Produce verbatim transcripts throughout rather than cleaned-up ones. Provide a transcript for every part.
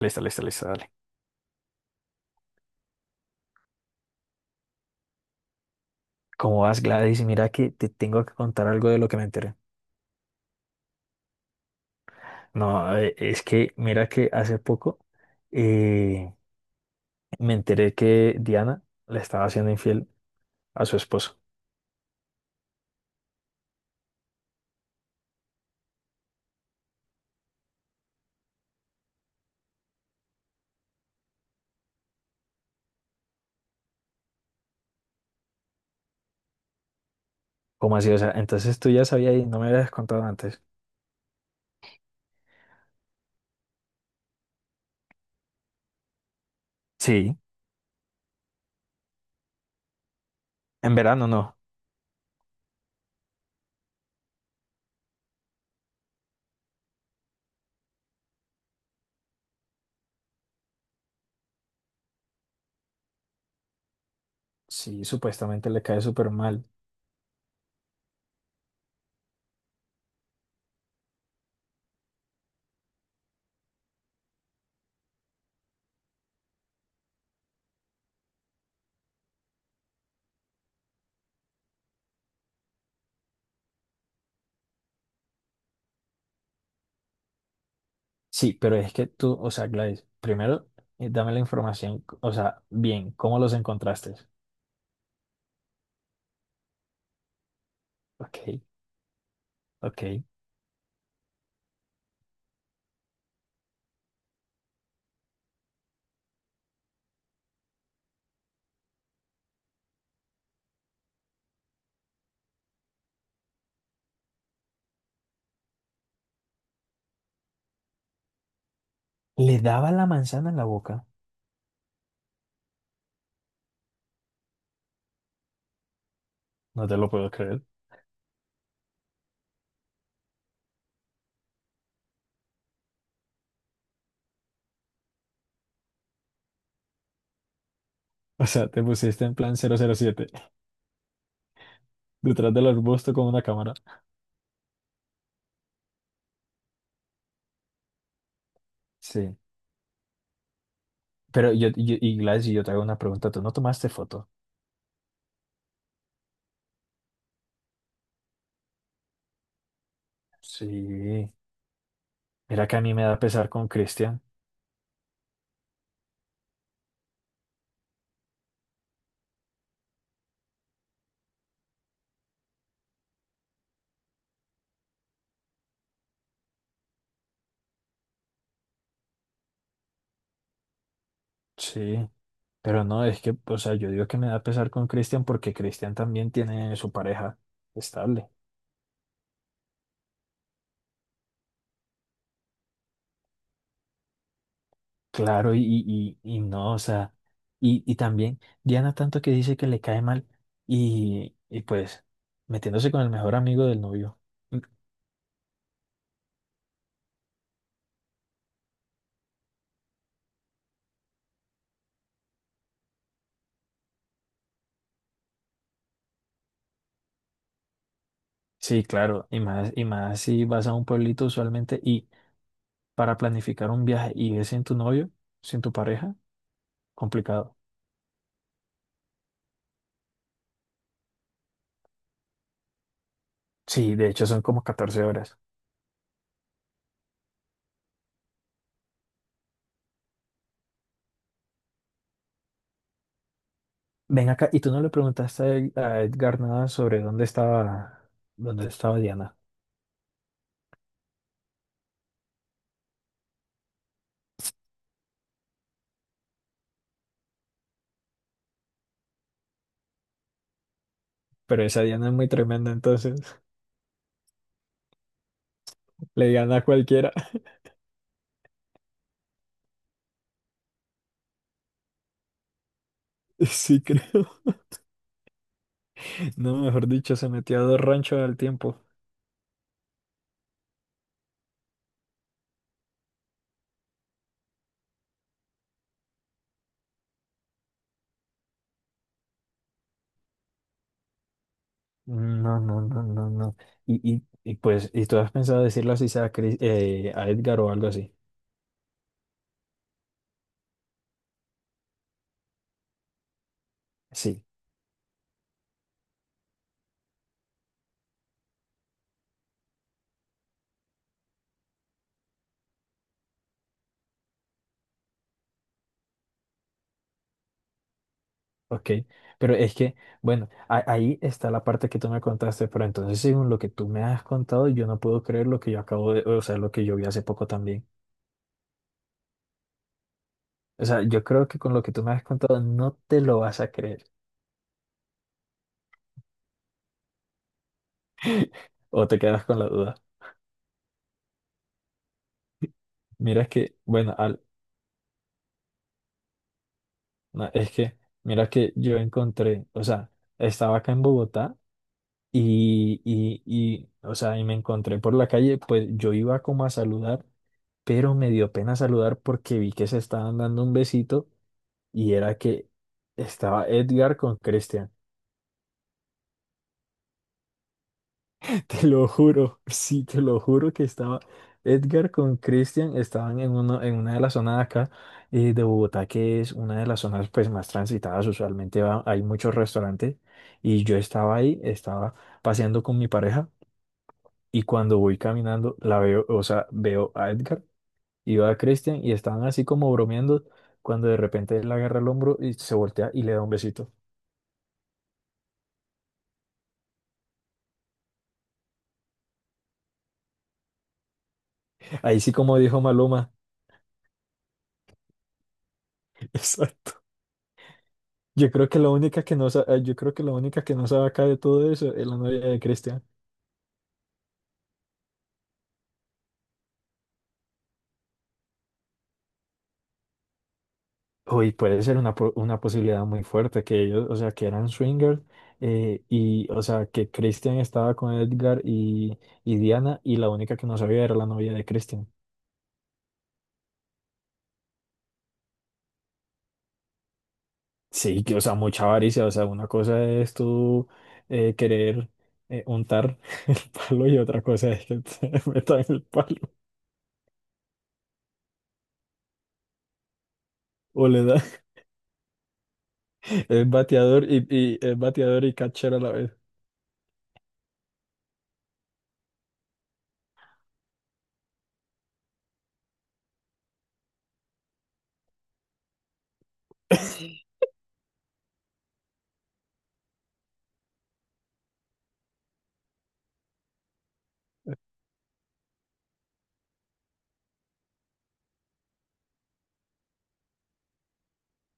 Listo, listo, listo, dale. ¿Cómo vas, Gladys? Mira que te tengo que contar algo de lo que me enteré. No, eh, es que mira que hace poco eh, me enteré que Diana le estaba haciendo infiel a su esposo. ¿Cómo así? O sea, entonces tú ya sabías y no me habías contado antes. Sí, en verano no. Sí, supuestamente le cae súper mal. Sí, pero es que tú, o sea, Gladys, primero eh, dame la información, o sea, bien, ¿cómo los encontraste? Ok, ok. ¿Le daba la manzana en la boca? No te lo puedo creer. O sea, te pusiste en plan cero cero siete detrás del arbusto con una cámara. Sí. Pero yo, yo- y Gladys, yo te hago una pregunta. ¿Tú no tomaste foto? Sí. Mira que a mí me da pesar con Cristian. Sí. Pero no, es que, o sea, yo digo que me da pesar con Cristian porque Cristian también tiene su pareja estable. Claro, y, y, y y no, o sea, y, y también Diana tanto que dice que le cae mal y, y pues metiéndose con el mejor amigo del novio. Sí, claro, y más, y más si vas a un pueblito usualmente y para planificar un viaje y es sin tu novio, sin tu pareja, complicado. Sí, de hecho son como catorce horas. Ven acá, y tú no le preguntaste a Ed- a Edgar nada sobre dónde estaba, dónde estaba Diana. Pero esa Diana es muy tremenda, entonces le gana a cualquiera. Sí, creo. No, mejor dicho, se metió a dos ranchos al tiempo. Mm, no, no, no, no, no. Y, y, y pues, ¿y tú has pensado decirlo así sea a Chris- eh, a Edgar o algo así? Sí. Ok, pero es que, bueno, a- ahí está la parte que tú me contaste, pero entonces según lo que tú me has contado, yo no puedo creer lo que yo acabo de, o sea, lo que yo vi hace poco también. O sea, yo creo que con lo que tú me has contado no te lo vas a creer o te quedas con la duda. Mira que, bueno, al- no, es que, mira que yo encontré, o sea, estaba acá en Bogotá y, y, y, o sea, y me encontré por la calle, pues yo iba como a saludar pero me dio pena saludar porque vi que se estaban dando un besito. Y era que estaba Edgar con Christian. Te lo juro, sí, te lo juro que estaba Edgar con Christian. Estaban en, uno, en una de las zonas de acá eh, de Bogotá, que es una de las zonas pues, más transitadas. Usualmente va- hay muchos restaurantes. Y yo estaba ahí, estaba paseando con mi pareja. Y cuando voy caminando, la veo, o sea, veo a Edgar y veo a Christian y estaban así como bromeando. Cuando de repente él agarra el hombro y se voltea y le da un besito. Ahí sí, como dijo Maloma. Exacto. Yo creo que la única que no sa- eh, yo creo que la única que no sabe acá de todo eso es la novia de Cristian. Uy, puede ser una, po- una posibilidad muy fuerte que ellos, o sea, que eran swingers eh, y, o sea, que Christian estaba con Edgar y, y Diana y la única que no sabía era la novia de Christian. Sí, que, o sea, mucha avaricia, o sea, una cosa es tú eh, querer eh, untar el palo y otra cosa es que te metan el palo o le da es bateador y, y es bateador y catcher a la vez.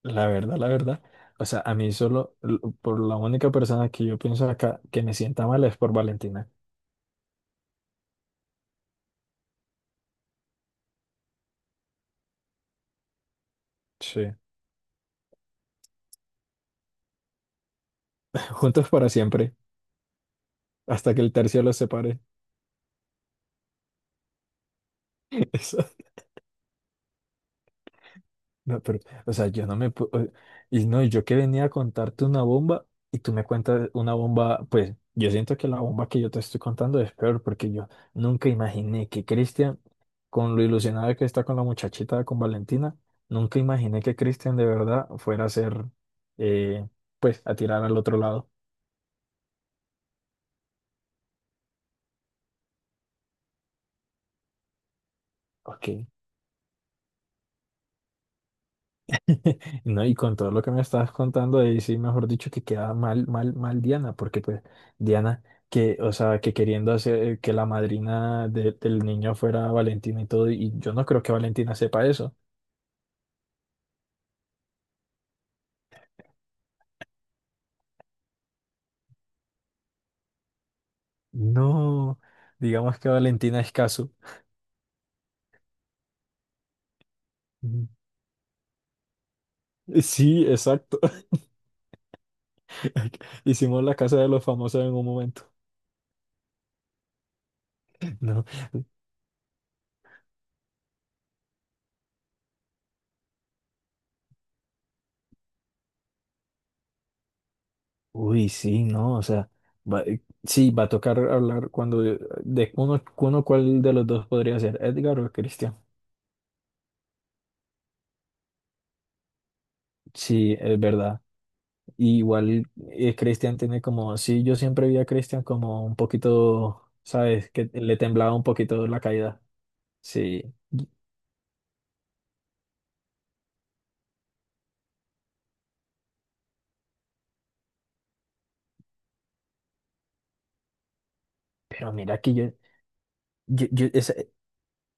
La verdad, la verdad. O sea, a mí solo, l- por la única persona que yo pienso acá que me sienta mal es por Valentina. Sí. Juntos para siempre, hasta que el tercio los separe. Eso. No, pero, o sea, yo no me... pu- o- y no, y yo que venía a contarte una bomba y tú me cuentas una bomba, pues yo siento que la bomba que yo te estoy contando es peor porque yo nunca imaginé que Cristian, con lo ilusionado que está con la muchachita, con Valentina, nunca imaginé que Cristian de verdad fuera a ser, eh, pues, a tirar al otro lado. Ok. No, y con todo lo que me estabas contando ahí, sí, mejor dicho, que queda mal, mal, mal Diana, porque pues Diana, que, o sea, que queriendo hacer que la madrina de- del niño fuera Valentina y todo, y yo no creo que Valentina sepa eso. No, digamos que Valentina es caso. Mm. Sí, exacto. Hicimos la casa de los famosos en un momento. No. Uy, sí, no, o sea, va- eh, sí, va a tocar hablar cuando, de de uno, uno cuál de los dos podría ser, Edgar o Cristian. Sí, es verdad. Y igual eh, Christian tiene como, sí, yo siempre vi a Christian como un poquito, ¿sabes? Que le temblaba un poquito la caída. Sí, Y- pero mira que yo, yo, yo- esa-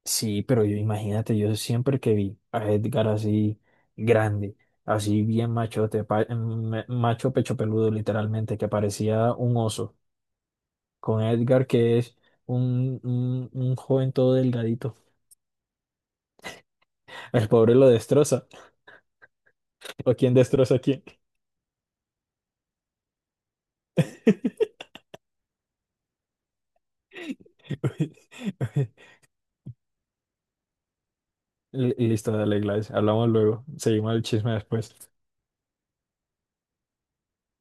sí, pero yo imagínate, yo siempre que vi a Edgar así grande, así bien machote, pa- m- macho pecho peludo literalmente, que parecía un oso, con Edgar que es un, un, un joven todo delgadito. El pobre lo destroza, o quién destroza a quién. Listo, dale, Gladys. Hablamos luego. Seguimos el chisme después.